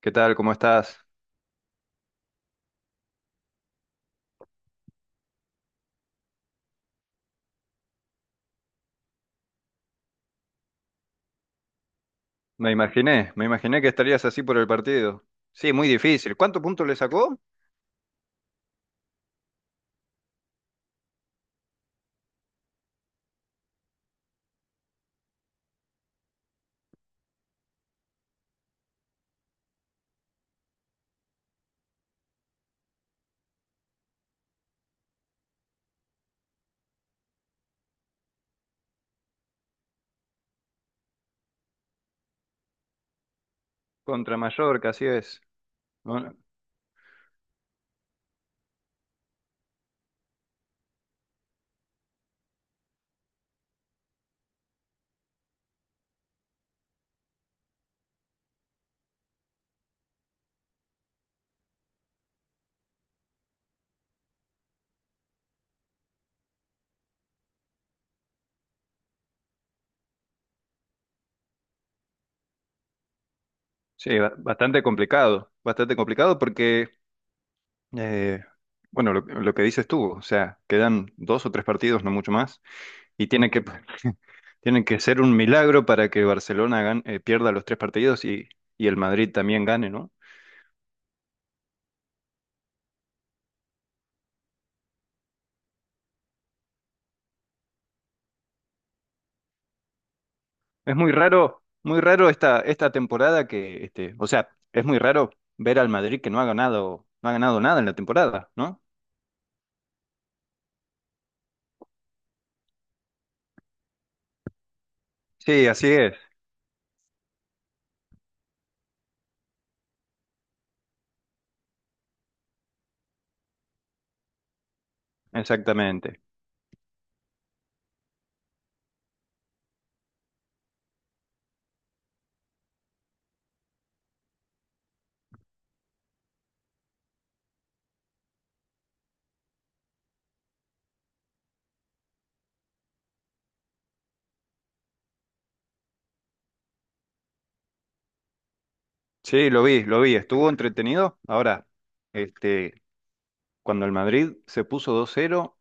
¿Qué tal? ¿Cómo estás? Me imaginé que estarías así por el partido. Sí, muy difícil. ¿Cuántos puntos le sacó? Contra Mallorca, así es. Bueno, sí, bastante complicado porque, eh, bueno, lo que dices tú, o sea, quedan dos o tres partidos, no mucho más, y tiene que, tienen que ser un milagro para que Barcelona pierda los tres partidos y, el Madrid también gane, ¿no? Es muy raro esta temporada o sea, es muy raro ver al Madrid que no ha ganado, no ha ganado nada en la temporada, ¿no? Sí, así es, exactamente. Sí, lo vi, estuvo entretenido. Ahora, este, cuando el Madrid se puso 2-0,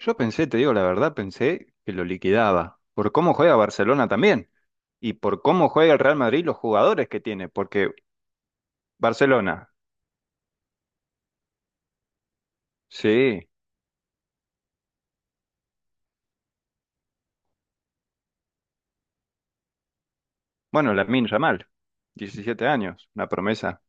yo pensé, te digo la verdad, pensé que lo liquidaba, por cómo juega Barcelona también, y por cómo juega el Real Madrid y los jugadores que tiene, porque Barcelona, sí, bueno, Lamine Yamal, 17 años, una promesa.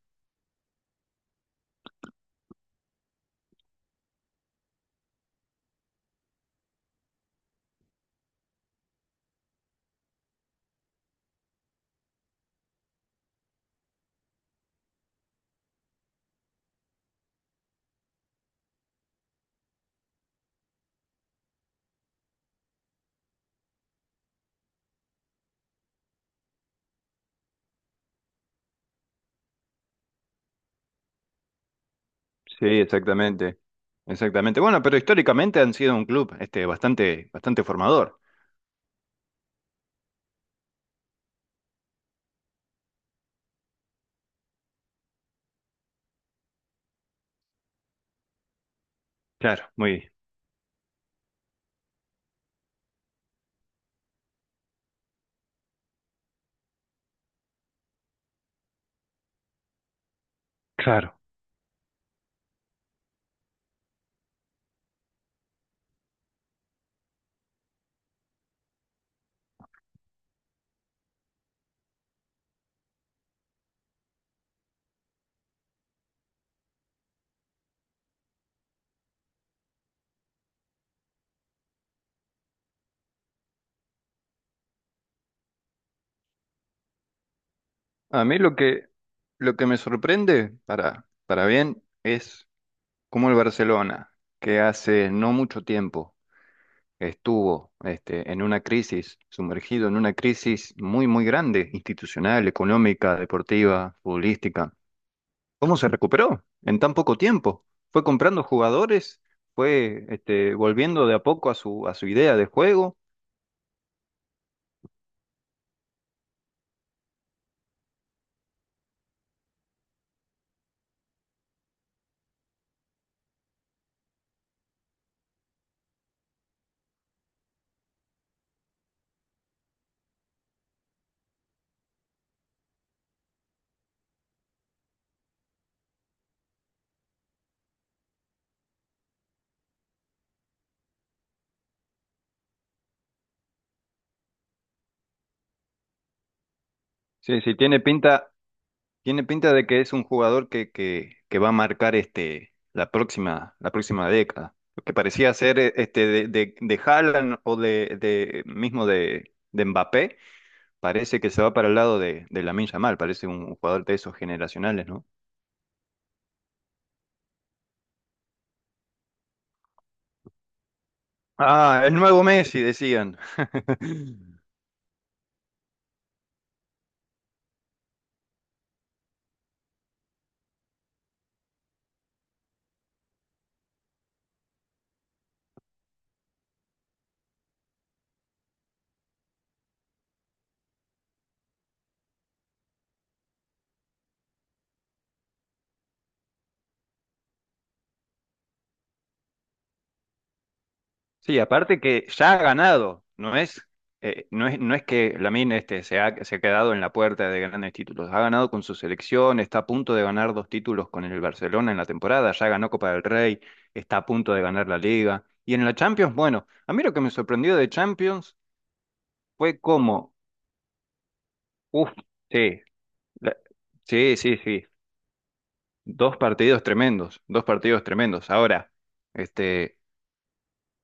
Sí, exactamente. Exactamente. Bueno, pero históricamente han sido un club bastante bastante formador. Claro, muy claro. A mí lo que me sorprende para bien es cómo el Barcelona, que hace no mucho tiempo estuvo en una crisis, sumergido en una crisis muy muy grande, institucional, económica, deportiva, futbolística. ¿Cómo se recuperó en tan poco tiempo? Fue comprando jugadores, fue volviendo de a poco a su idea de juego. Sí, sí, tiene pinta de que es un jugador que va a marcar la próxima década. Lo que parecía ser de Haaland o de mismo de Mbappé, parece que se va para el lado de Lamine Yamal, parece un jugador de esos generacionales, ¿no? Ah, el nuevo Messi, decían. Sí, aparte que ya ha ganado, no es que Lamine se ha quedado en la puerta de grandes títulos, ha ganado con su selección, está a punto de ganar dos títulos con el Barcelona en la temporada, ya ganó Copa del Rey, está a punto de ganar la Liga. Y en la Champions, bueno, a mí lo que me sorprendió de Champions fue como, uff, sí, la- sí, sí, sí, dos partidos tremendos, dos partidos tremendos. Ahora, este...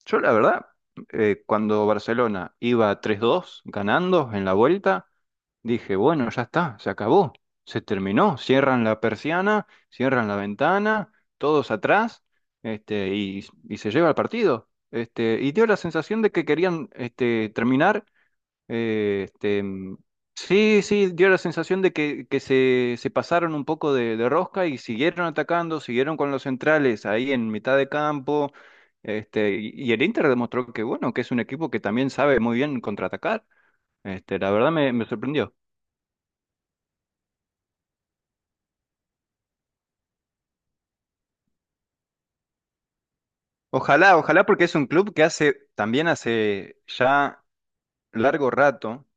Yo la verdad, cuando Barcelona iba 3-2 ganando en la vuelta, dije, bueno, ya está, se acabó, se terminó, cierran la persiana, cierran la ventana, todos atrás, y se lleva el partido. Y dio la sensación de que querían terminar eh, este, mm, sí, sí, dio la sensación de que se pasaron un poco de rosca y siguieron atacando, siguieron con los centrales ahí en mitad de campo. Y el Inter demostró que, bueno, que es un equipo que también sabe muy bien contraatacar. La verdad me sorprendió. Ojalá, ojalá, porque es un club que hace, también hace ya largo rato,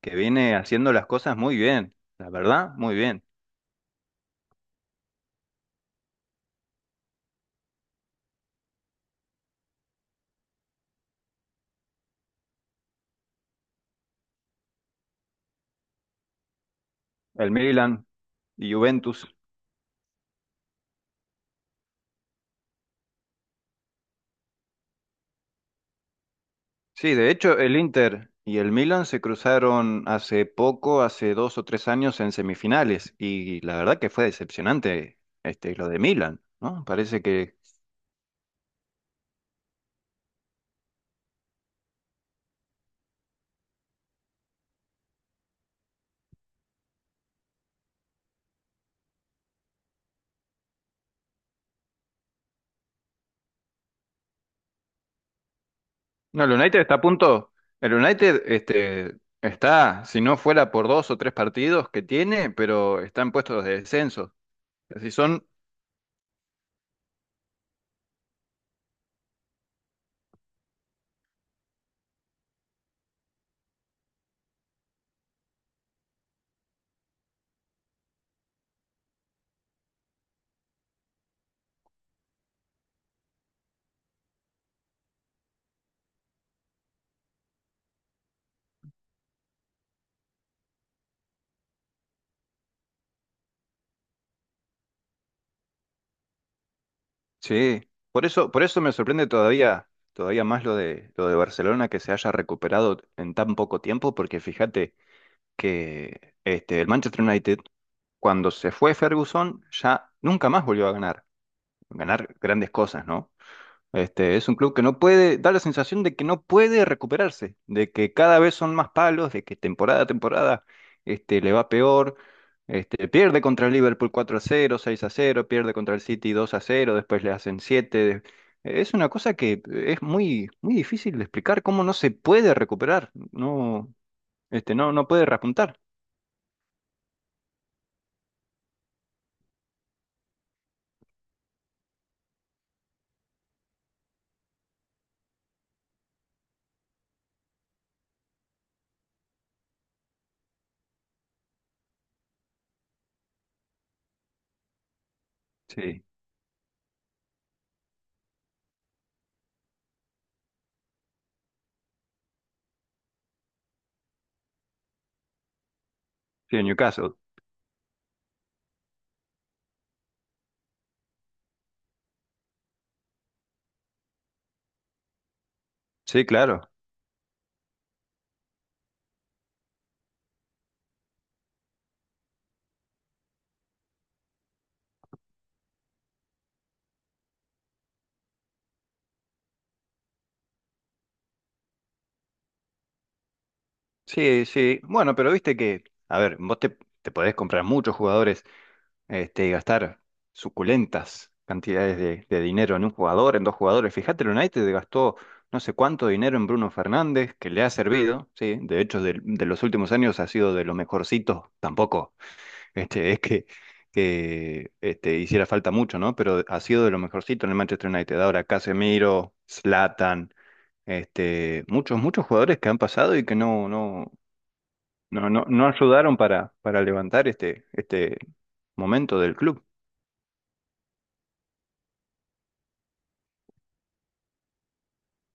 que viene haciendo las cosas muy bien, la verdad, muy bien. El Milan y Juventus. Sí, de hecho, el Inter y el Milan se cruzaron hace poco, hace 2 o 3 años en semifinales, y la verdad que fue decepcionante lo de Milan, ¿no? Parece que... No, el United está a punto... El United está, si no fuera por dos o tres partidos que tiene, pero está en puestos de descenso. Así son... Sí, por eso me sorprende todavía, todavía más lo de, Barcelona que se haya recuperado en tan poco tiempo, porque fíjate que el Manchester United cuando se fue Ferguson, ya nunca más volvió a ganar, grandes cosas, ¿no? Es un club que no puede, da la sensación de que no puede recuperarse, de que cada vez son más palos, de que temporada a temporada le va peor, pierde contra el Liverpool 4-0, 6-0, pierde contra el City 2-0, después le hacen siete. Es una cosa que es muy, muy difícil de explicar cómo no se puede recuperar, no, no, no puede repuntar. Sí, sí, en Newcastle. Sí, claro. Sí, sí. Bueno, pero viste que, a ver, vos te podés comprar muchos jugadores, y gastar suculentas cantidades de dinero en un jugador, en dos jugadores. Fíjate, el United gastó no sé cuánto dinero en Bruno Fernández, que le ha servido, sí. De hecho, de los últimos años ha sido de lo mejorcito. Tampoco, es que, hiciera falta mucho, ¿no? Pero ha sido de lo mejorcito en el Manchester United. Ahora Casemiro, Zlatan. Muchos, muchos jugadores que han pasado y que no, no. No, no, no ayudaron para, levantar este momento del club.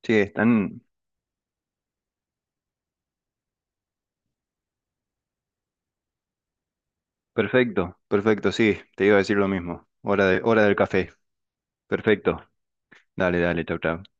Sí, están. Perfecto, perfecto, sí, te iba a decir lo mismo. Hora del café. Perfecto. Dale, dale, chau, chau.